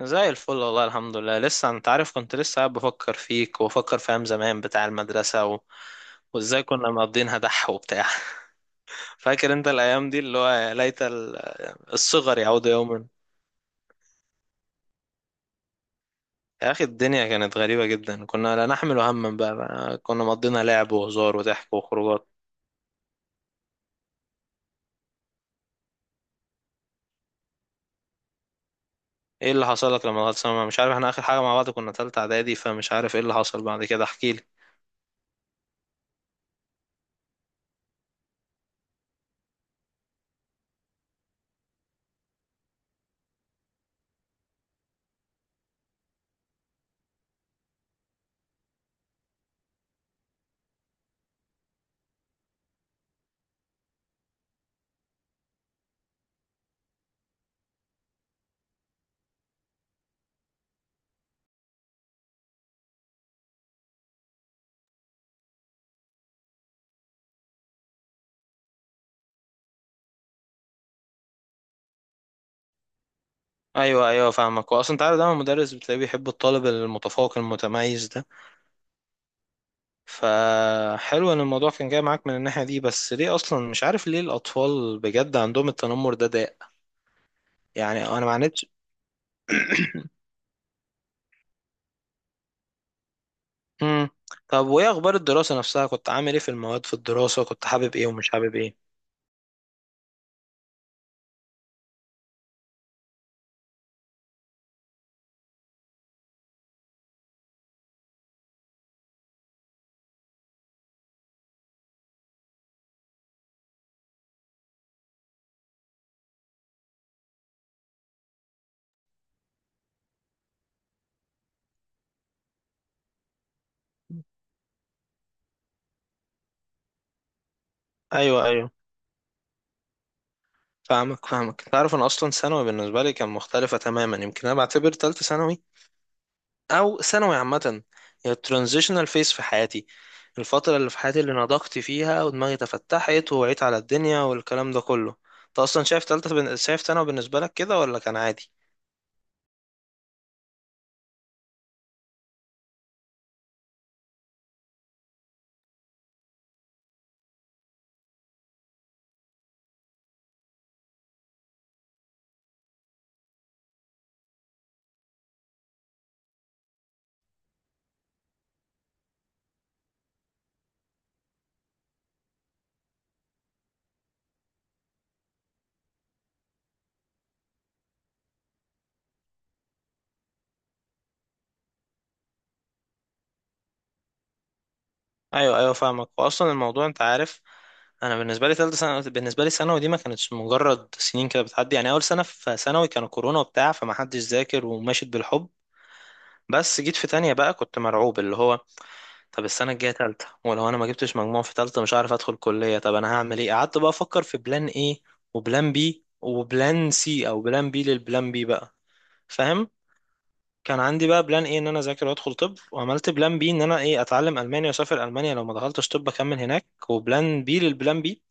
زي الفل والله، الحمد لله. لسه، انت عارف، كنت لسه قاعد بفكر فيك وبفكر في ايام زمان بتاع المدرسة وازاي كنا مقضينها دح وبتاع فاكر انت الايام دي اللي هو الصغر يعود يوما. يا اخي، الدنيا كانت غريبة جدا، كنا لا نحمل هما، بقى كنا مقضينا لعب وهزار وضحك وخروجات. ايه اللي حصل لك لما دخلت ثانوي؟ مش عارف، احنا اخر حاجة مع بعض كنا تالتة اعدادي، فمش عارف ايه اللي حصل بعد كده. احكيلي. ايوه ايوه، فاهمك. واصلا انت عارف دايما المدرس بتلاقيه بيحب الطالب المتفوق المتميز ده. فحلو ان الموضوع كان جاي معاك من الناحية دي. بس ليه اصلا، مش عارف ليه الاطفال بجد عندهم التنمر ده داء؟ يعني انا ما عانيتش. امم. طب وايه اخبار الدراسة نفسها؟ كنت عامل ايه في المواد؟ في الدراسة كنت حابب ايه ومش حابب ايه؟ ايوه ايوه، فاهمك. تعرف انا اصلا ثانوي بالنسبة لي كان مختلفة تماما. يمكن انا بعتبر تالتة ثانوي او ثانوي عامه هي الترانزيشنال فيس في حياتي، الفتره اللي في حياتي اللي نضجت فيها ودماغي تفتحت ووعيت على الدنيا والكلام ده كله. انت اصلا شايف شايف ثانوي بالنسبه لك كده ولا كان عادي؟ ايوه ايوه فاهمك. واصلا الموضوع، انت عارف، انا بالنسبه لي ثالثه ثانوي، بالنسبه لي ثانوي دي ما كانتش مجرد سنين كده بتعدي. يعني اول سنه في ثانوي كان كورونا وبتاع، فما حدش ذاكر وماشيت بالحب. بس جيت في تانية بقى كنت مرعوب، اللي هو طب السنة الجاية تالتة، ولو أنا ما جبتش مجموع في تالتة مش عارف أدخل كلية طب، أنا هعمل إيه؟ قعدت بقى أفكر في بلان إيه وبلان بي وبلان سي، أو بلان بي للبلان بي بقى. فاهم. كان عندي بقى بلان إيه إن أنا أذاكر وأدخل طب، وعملت بلان بي إن أنا إيه أتعلم ألمانيا وأسافر ألمانيا لو ما دخلتش طب أكمل هناك، وبلان بي للبلان بي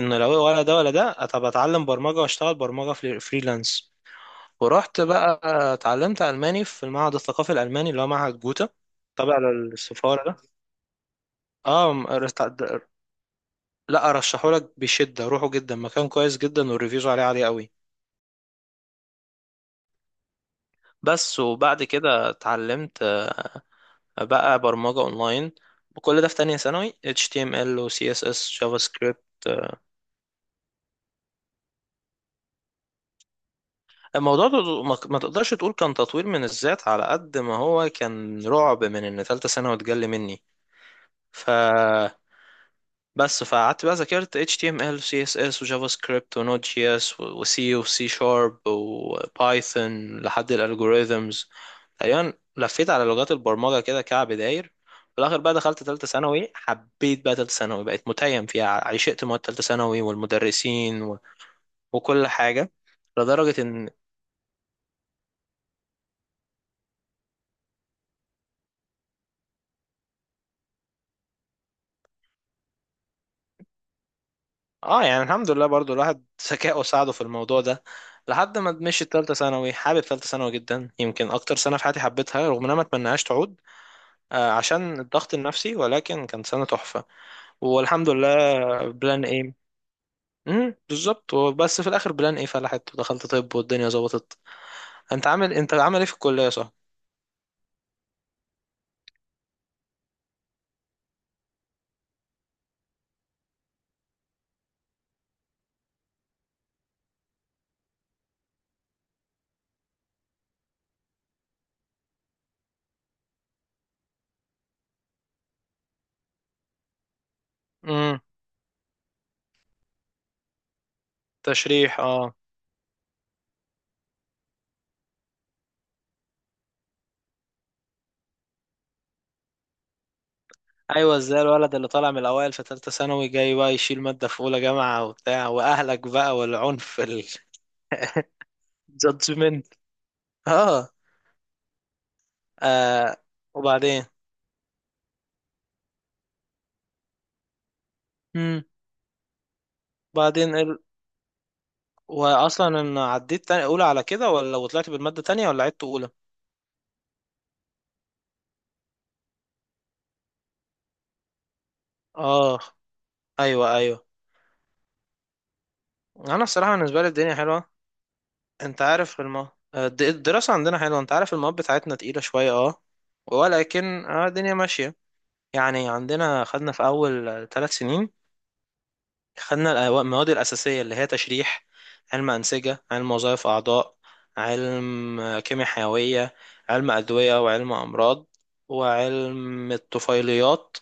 إنه لو ولا ده ولا ده طب أتعلم برمجة وأشتغل برمجة في فريلانس. ورحت بقى اتعلمت ألماني في المعهد الثقافي الألماني اللي هو معهد جوتا، تبع للسفارة ده. اه لا، ارشحهولك بشده، روحه، جدا مكان كويس جدا والريفيوز عليه عاليه قوي. بس وبعد كده اتعلمت بقى برمجه اونلاين. وكل ده في تانية ثانوي: HTML و CSS جافا سكريبت. آه، الموضوع ده ما تقدرش تقول كان تطوير من الذات على قد ما هو كان رعب من ان تالتة ثانوي اتجلى مني. ف بس فقعدت بقى ذاكرت HTML و CSS و JavaScript و Node.js و C و C Sharp و Python لحد الالجوريزمز. تقريبا لفيت على لغات البرمجة كده كعب داير. في الآخر بقى دخلت تالتة ثانوي، حبيت بقى تالتة ثانوي، بقيت متيم فيها، عشقت مواد تالتة ثانوي والمدرسين وكل حاجة. لدرجة إن آه، يعني الحمد لله برضو الواحد ذكائه ساعده في الموضوع ده. لحد ما مشيت تالتة ثانوي، حابب تالتة ثانوي جدا، يمكن أكتر سنة في حياتي حبيتها رغم إن أنا ما أتمناهاش تعود. عشان الضغط النفسي، ولكن كانت سنة تحفة. والحمد لله. بلان ايه. امم، بالظبط. بس في الاخر بلان ايه فلحت ودخلت طب والدنيا ظبطت. انت عامل، انت عامل ايه في الكلية؟ صح. امم. تشريح، اه. ايوه، ازاي الولد اللي طالع من الاوائل في ثالثه ثانوي جاي بقى يشيل ماده في اولى جامعه وبتاع واهلك بقى والعنف؟ الجادجمنت. اه. آه، وبعدين. امم. بعدين ال... واصلا ان عديت تاني اولى على كده، ولا وطلعت بالماده تانية، ولا عدت اولى؟ اه ايوه ايوه. انا الصراحه بالنسبه لي الدنيا حلوه. انت عارف الدراسه عندنا حلوه، انت عارف المواد بتاعتنا تقيله شويه. اه، ولكن الدنيا ماشيه. يعني عندنا خدنا في اول ثلاث سنين، خدنا المواد الاساسيه اللي هي تشريح، علم انسجه، علم وظائف اعضاء، علم، كيمياء حيويه، علم ادويه، وعلم امراض، وعلم الطفيليات،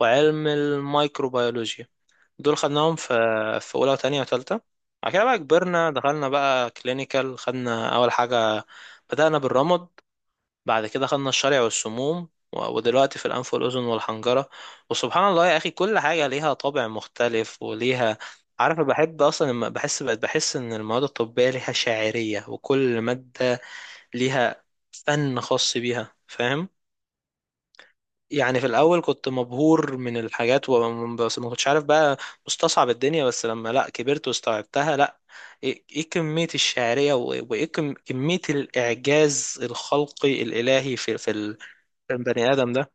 وعلم الميكروبيولوجيا. دول خدناهم في في اولى وتانية وتالتة. بعد كده بقى كبرنا، دخلنا بقى كلينيكال، خدنا اول حاجة بدأنا بالرمد، بعد كده خدنا الشرع والسموم، ودلوقتي في الانف والاذن والحنجرة. وسبحان الله يا اخي، كل حاجة ليها طابع مختلف وليها. عارف أنا بحب اصلا لما بحس، بحس ان المواد الطبية ليها شاعرية، وكل مادة ليها فن خاص بيها. فاهم. يعني في الاول كنت مبهور من الحاجات، بس ما كنتش عارف بقى، مستصعب الدنيا. بس لما لا كبرت واستوعبتها، لا، ايه إيه كمية الشعرية كمية الاعجاز الخلقي الالهي في في البني ادم ده.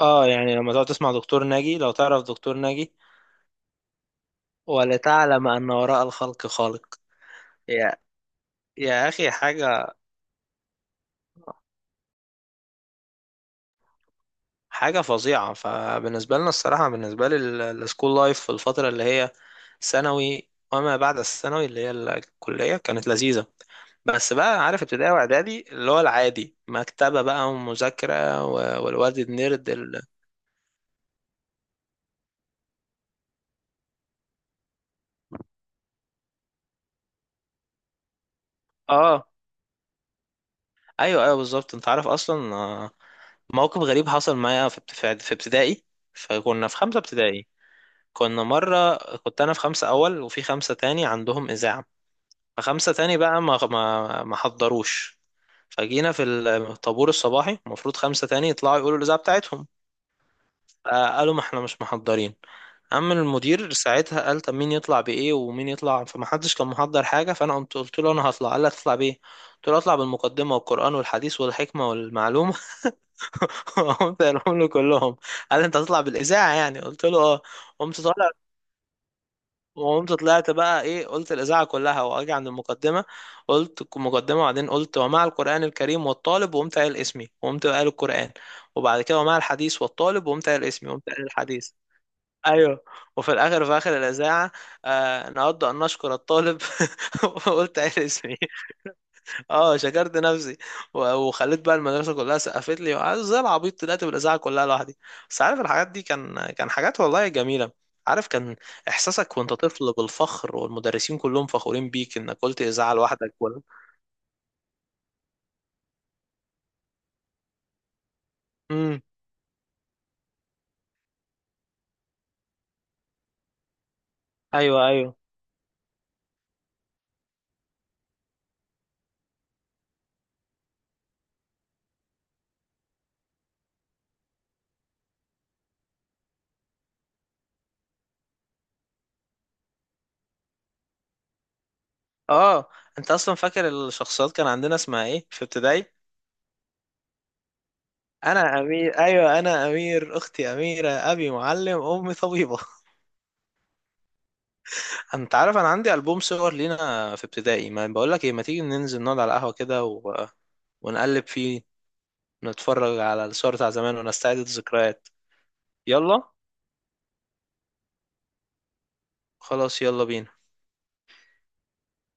اه، يعني لما تقعد تسمع دكتور ناجي، لو تعرف دكتور ناجي، ولتعلم ان وراء الخلق خالق. يا يا اخي حاجة فظيعة. فبالنسبة لنا، الصراحة بالنسبة لي، السكول لايف في الفترة اللي هي ثانوي وما بعد الثانوي اللي هي الكلية كانت لذيذة. بس بقى عارف ابتدائي واعدادي اللي هو العادي، مكتبة بقى ومذاكرة، والواد النيرد اه. ايوه ايوه بالظبط. انت عارف اصلا موقف غريب حصل معايا في في ابتدائي. فكنا في خمسة ابتدائي. كنا مرة، كنت انا في خمسة اول، وفي خمسة تاني عندهم اذاعة، فخمسة تاني بقى ما حضروش. فجينا في الطابور الصباحي، المفروض خمسة تاني يطلعوا يقولوا الإذاعة بتاعتهم. قالوا ما احنا مش محضرين. قام المدير ساعتها قال طب مين يطلع بإيه ومين يطلع، فما حدش كان محضر حاجة. فأنا قمت قلت له أنا هطلع. قال لي هتطلع بإيه؟ قلت له أطلع بالمقدمة والقرآن والحديث والحكمة والمعلومة. قمت قايلهم له كلهم. قال لي أنت هتطلع بالإذاعة يعني؟ قلت له أه. قمت طالع. وقمت طلعت بقى ايه، قلت الاذاعه كلها. واجي عند المقدمه، قلت المقدمه. وبعدين قلت ومع القران الكريم والطالب، وقمت قايل اسمي وقمت قايل القران. وبعد كده ومع الحديث والطالب، وقمت قايل اسمي وقمت قايل الحديث. ايوه. وفي الاخر في اخر الاذاعه، آه نود ان نشكر الطالب وقلت قايل اسمي. اه شكرت نفسي. وخليت بقى المدرسه كلها سقفت لي، وقعدت زي العبيط طلعت بالاذاعه كلها لوحدي. بس عارف، الحاجات دي كان حاجات والله جميله. عارف، كان احساسك وانت طفل بالفخر والمدرسين كلهم فخورين بيك انك قلت اذاعه لوحدك ولا. امم، ايوه ايوه، اه. انت اصلا فاكر الشخصيات كان عندنا اسمها ايه في ابتدائي؟ انا امير، ايوه انا امير، اختي اميره، ابي معلم، امي طبيبه. انت عارف انا عندي البوم صور لينا في ابتدائي، ما بقول لك ايه ما تيجي ننزل نقعد على القهوه كده ونقلب فيه، نتفرج على الصور بتاع زمان ونستعيد الذكريات. يلا، خلاص يلا بينا.